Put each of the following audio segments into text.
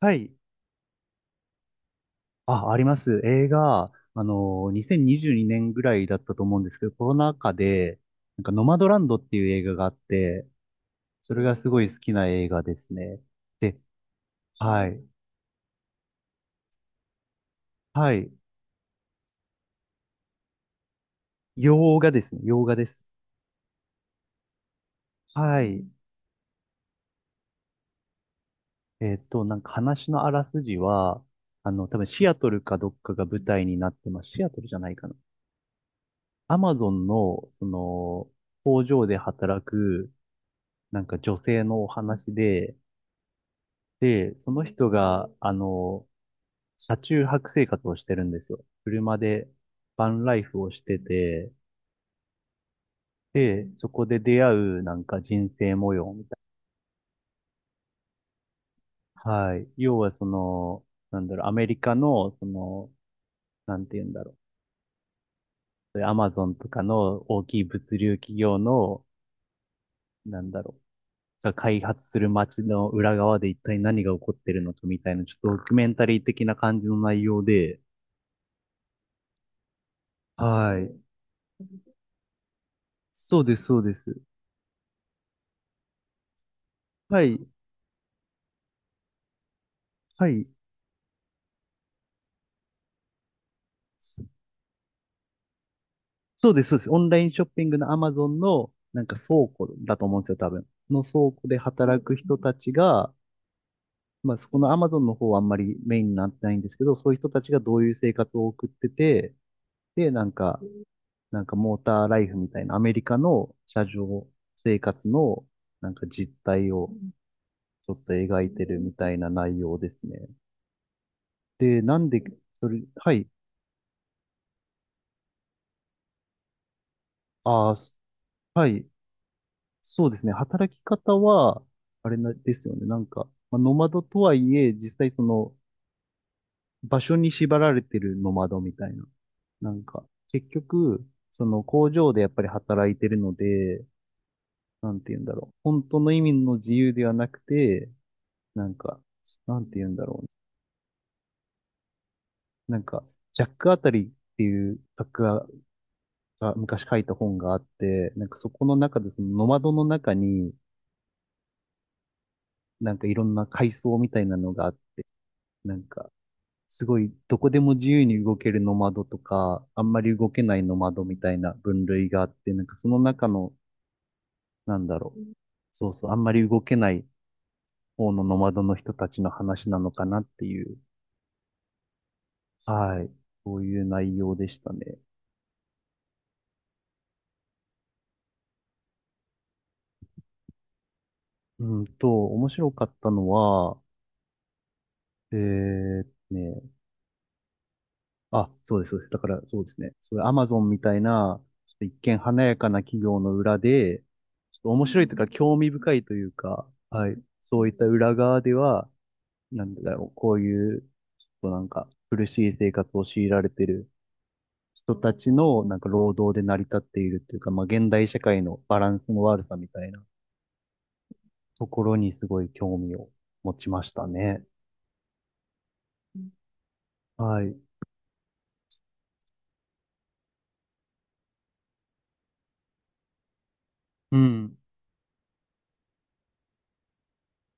はい。あ、あります。映画、2022年ぐらいだったと思うんですけど、コロナ禍で、なんか、ノマドランドっていう映画があって、それがすごい好きな映画ですね。で、はい。はい。洋画ですね。洋画です。はい。なんか話のあらすじは、あの、多分シアトルかどっかが舞台になってます。シアトルじゃないかな。アマゾンの、その、工場で働く、なんか女性のお話で、で、その人が、あの、車中泊生活をしてるんですよ。車でバンライフをしてて、で、そこで出会うなんか人生模様みたいな。はい。要はその、なんだろう、アメリカの、その、なんて言うんだろう。アマゾンとかの大きい物流企業の、なんだろう。が開発する街の裏側で一体何が起こってるのかみたいな、ちょっとドキュメンタリー的な感じの内容で、はい。そうです、そうです。はい、はい。そうです、そうです。オンラインショッピングの Amazon のなんか倉庫だと思うんですよ、多分。の倉庫で働く人たちが、まあそこの Amazon の方はあんまりメインになってないんですけど、そういう人たちがどういう生活を送ってて、で、なんか、なんかモーターライフみたいなアメリカの車上生活のなんか実態をちょっと描いてるみたいな内容ですね。で、なんで、それ、はい、ああ、はい、そうですね。働き方は、あれなですよね。なんか、まあ、ノマドとはいえ、実際その、場所に縛られてるノマドみたいな。なんか、結局、その工場でやっぱり働いてるので、なんて言うんだろう。本当の意味の自由ではなくて、なんか、なんて言うんだろうね。なんか、ジャックあたりっていう作家が昔書いた本があって、なんかそこの中でそのノマドの中に、なんかいろんな階層みたいなのがあって、なんか、すごい、どこでも自由に動けるノマドとか、あんまり動けないノマドみたいな分類があって、なんかその中の、なんだろう。そうそう、あんまり動けない方のノマドの人たちの話なのかなっていう、はい、そういう内容でしたね。うんと、面白かったのは、えーっとね、あ、そうです、そうです。だから、そうですね。それ、アマゾンみたいな、ちょっと一見華やかな企業の裏で、ちょっと面白いというか、興味深いというか、はい。そういった裏側では、なんだろう、こういう、ちょっとなんか、苦しい生活を強いられてる人たちの、なんか、労働で成り立っているというか、まあ、現代社会のバランスの悪さみたいなところにすごい興味を持ちましたね。はい。うん。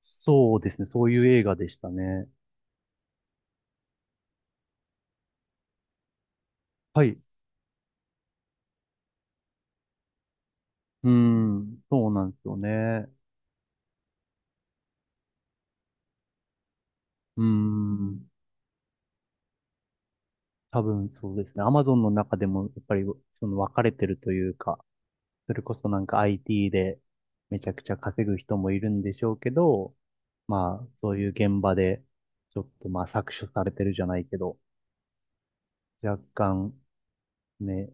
そうですね。そういう映画でしたね。はい。うーん、そうなんですよね。うーん、多分そうですね。アマゾンの中でもやっぱりその分かれてるというか、それこそなんか IT でめちゃくちゃ稼ぐ人もいるんでしょうけど、まあそういう現場でちょっとまあ搾取されてるじゃないけど、若干ね、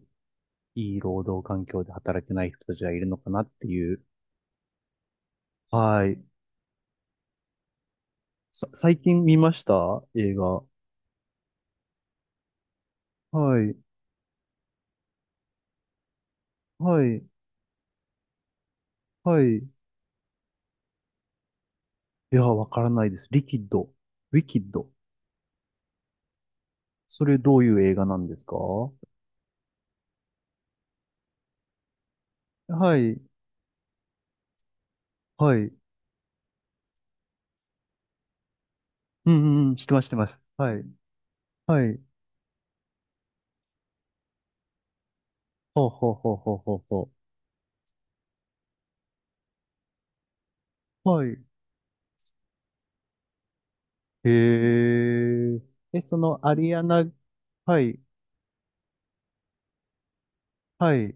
いい労働環境で働けない人たちがいるのかなっていう。はい。最近見ました映画。はい。はい。はい。いや、わからないです。リキッド。ウィキッド。それどういう映画なんですか？はい。はい。うんうんうん。してます、してます。はい。はい。ほうほうほうほうほうほう。はい。へえ。え、そのアリアナ、はい。はい。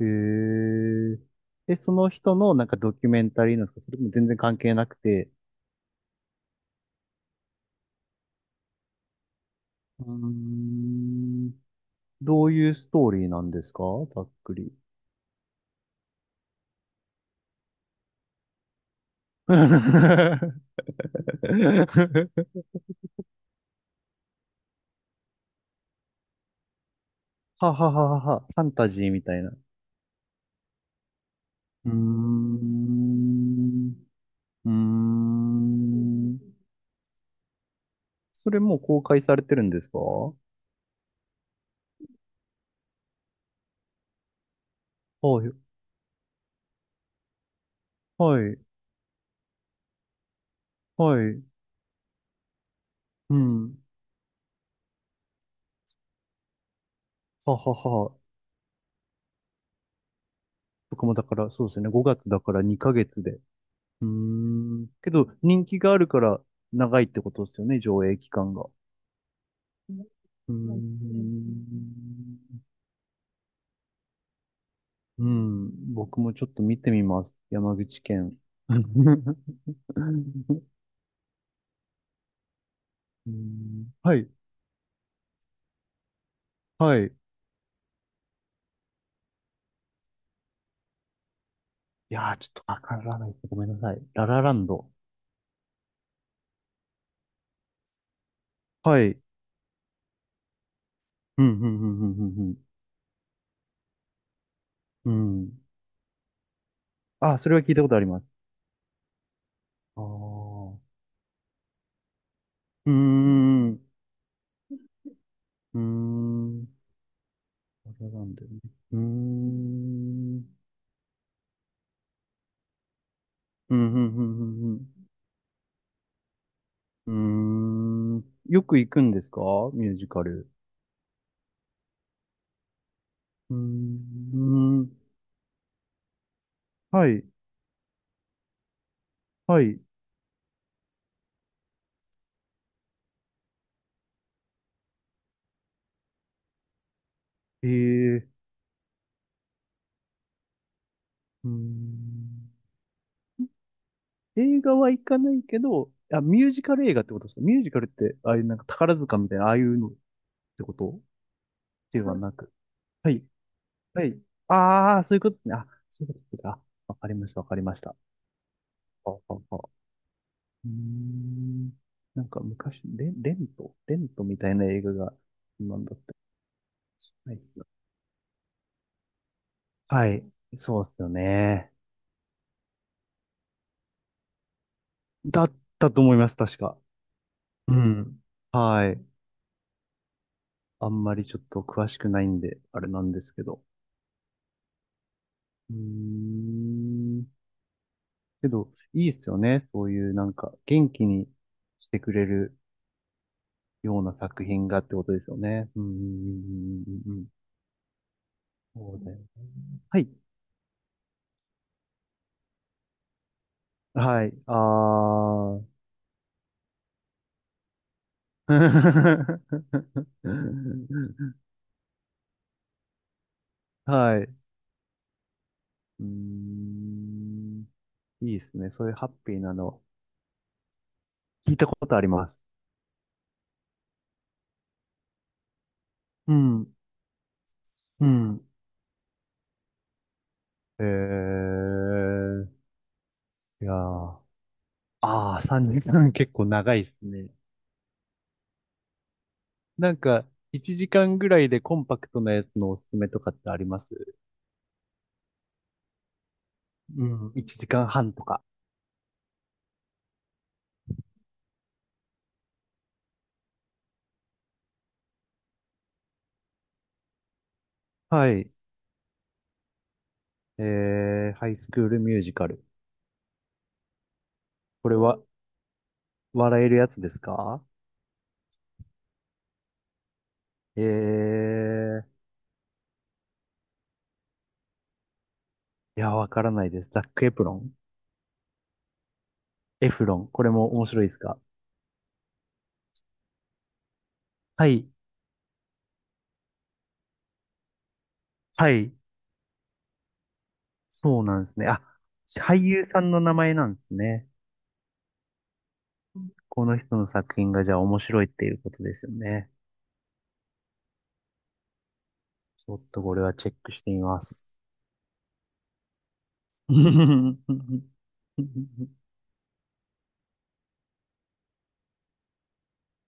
へえ。え、その人のなんかドキュメンタリーなんですか？それとも全然関係なくて。うーん。どういうストーリーなんですか？ざっくり。ははははは、ファンタジーみたいな。うーん。うーん。それもう公開されてるんですか？はい。はい。はい。うん。はははは。僕もだから、そうですね。5月だから2ヶ月で。うーん。けど、人気があるから長いってことですよね、上映期間が。うーん。うん。僕もちょっと見てみます。山口県。うんはい。はい。いやー、ちょっとわからないですね。ごめんなさい。ララランド。はい。うん、うん、うん、うん、うん。うん。あ、それは聞いたことあります。ああうーん、うーん、ララランドね。うーん、うん、うん、うん、うん。うーんよく行くんですか？ミュージカル。うーうん。うーん、はい、はい。えー、うーん。映画は行かないけど、あ、ミュージカル映画ってことですか？ミュージカルって、ああいうなんか宝塚みたいな、ああいうのてことではなく。はい。はい。ああ、そういうことですね。あ、そういうことですね。あ、わかりました、わかりました。あ、あ、あ。うーん。なんか昔、レント、レントみたいな映画が、なんだったりしないっすね。はい。そうですよね。だったと思います、確か。うん。はい。あんまりちょっと詳しくないんで、あれなんですけど。うーん。けど、いいっすよね。そういうなんか、元気にしてくれるような作品がってことですよね。うんうんうんうんうんうん。そうだよね。はい。はい。ああ。はい。うーん。いいですね。そういうハッピーなの。聞いたことあります。うん。うん。えー。いやー。ああ、3時間結構長いですね。なんか、1時間ぐらいでコンパクトなやつのおすすめとかってあります？うん。1時間半とか。はい。えー、ハイスクールミュージカル。これは、笑えるやつですか？えー、いや、わからないです。ザックエプロンエフロン。これも面白いですか？はい。はい。そうなんですね。あ、俳優さんの名前なんですね。この人の作品がじゃあ面白いっていうことですよね。ちょっとこれはチェックしてみます。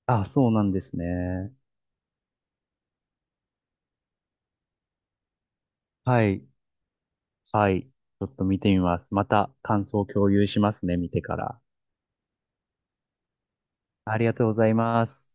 あ、そうなんですね。はい。はい。ちょっと見てみます。また感想を共有しますね、見てから。ありがとうございます。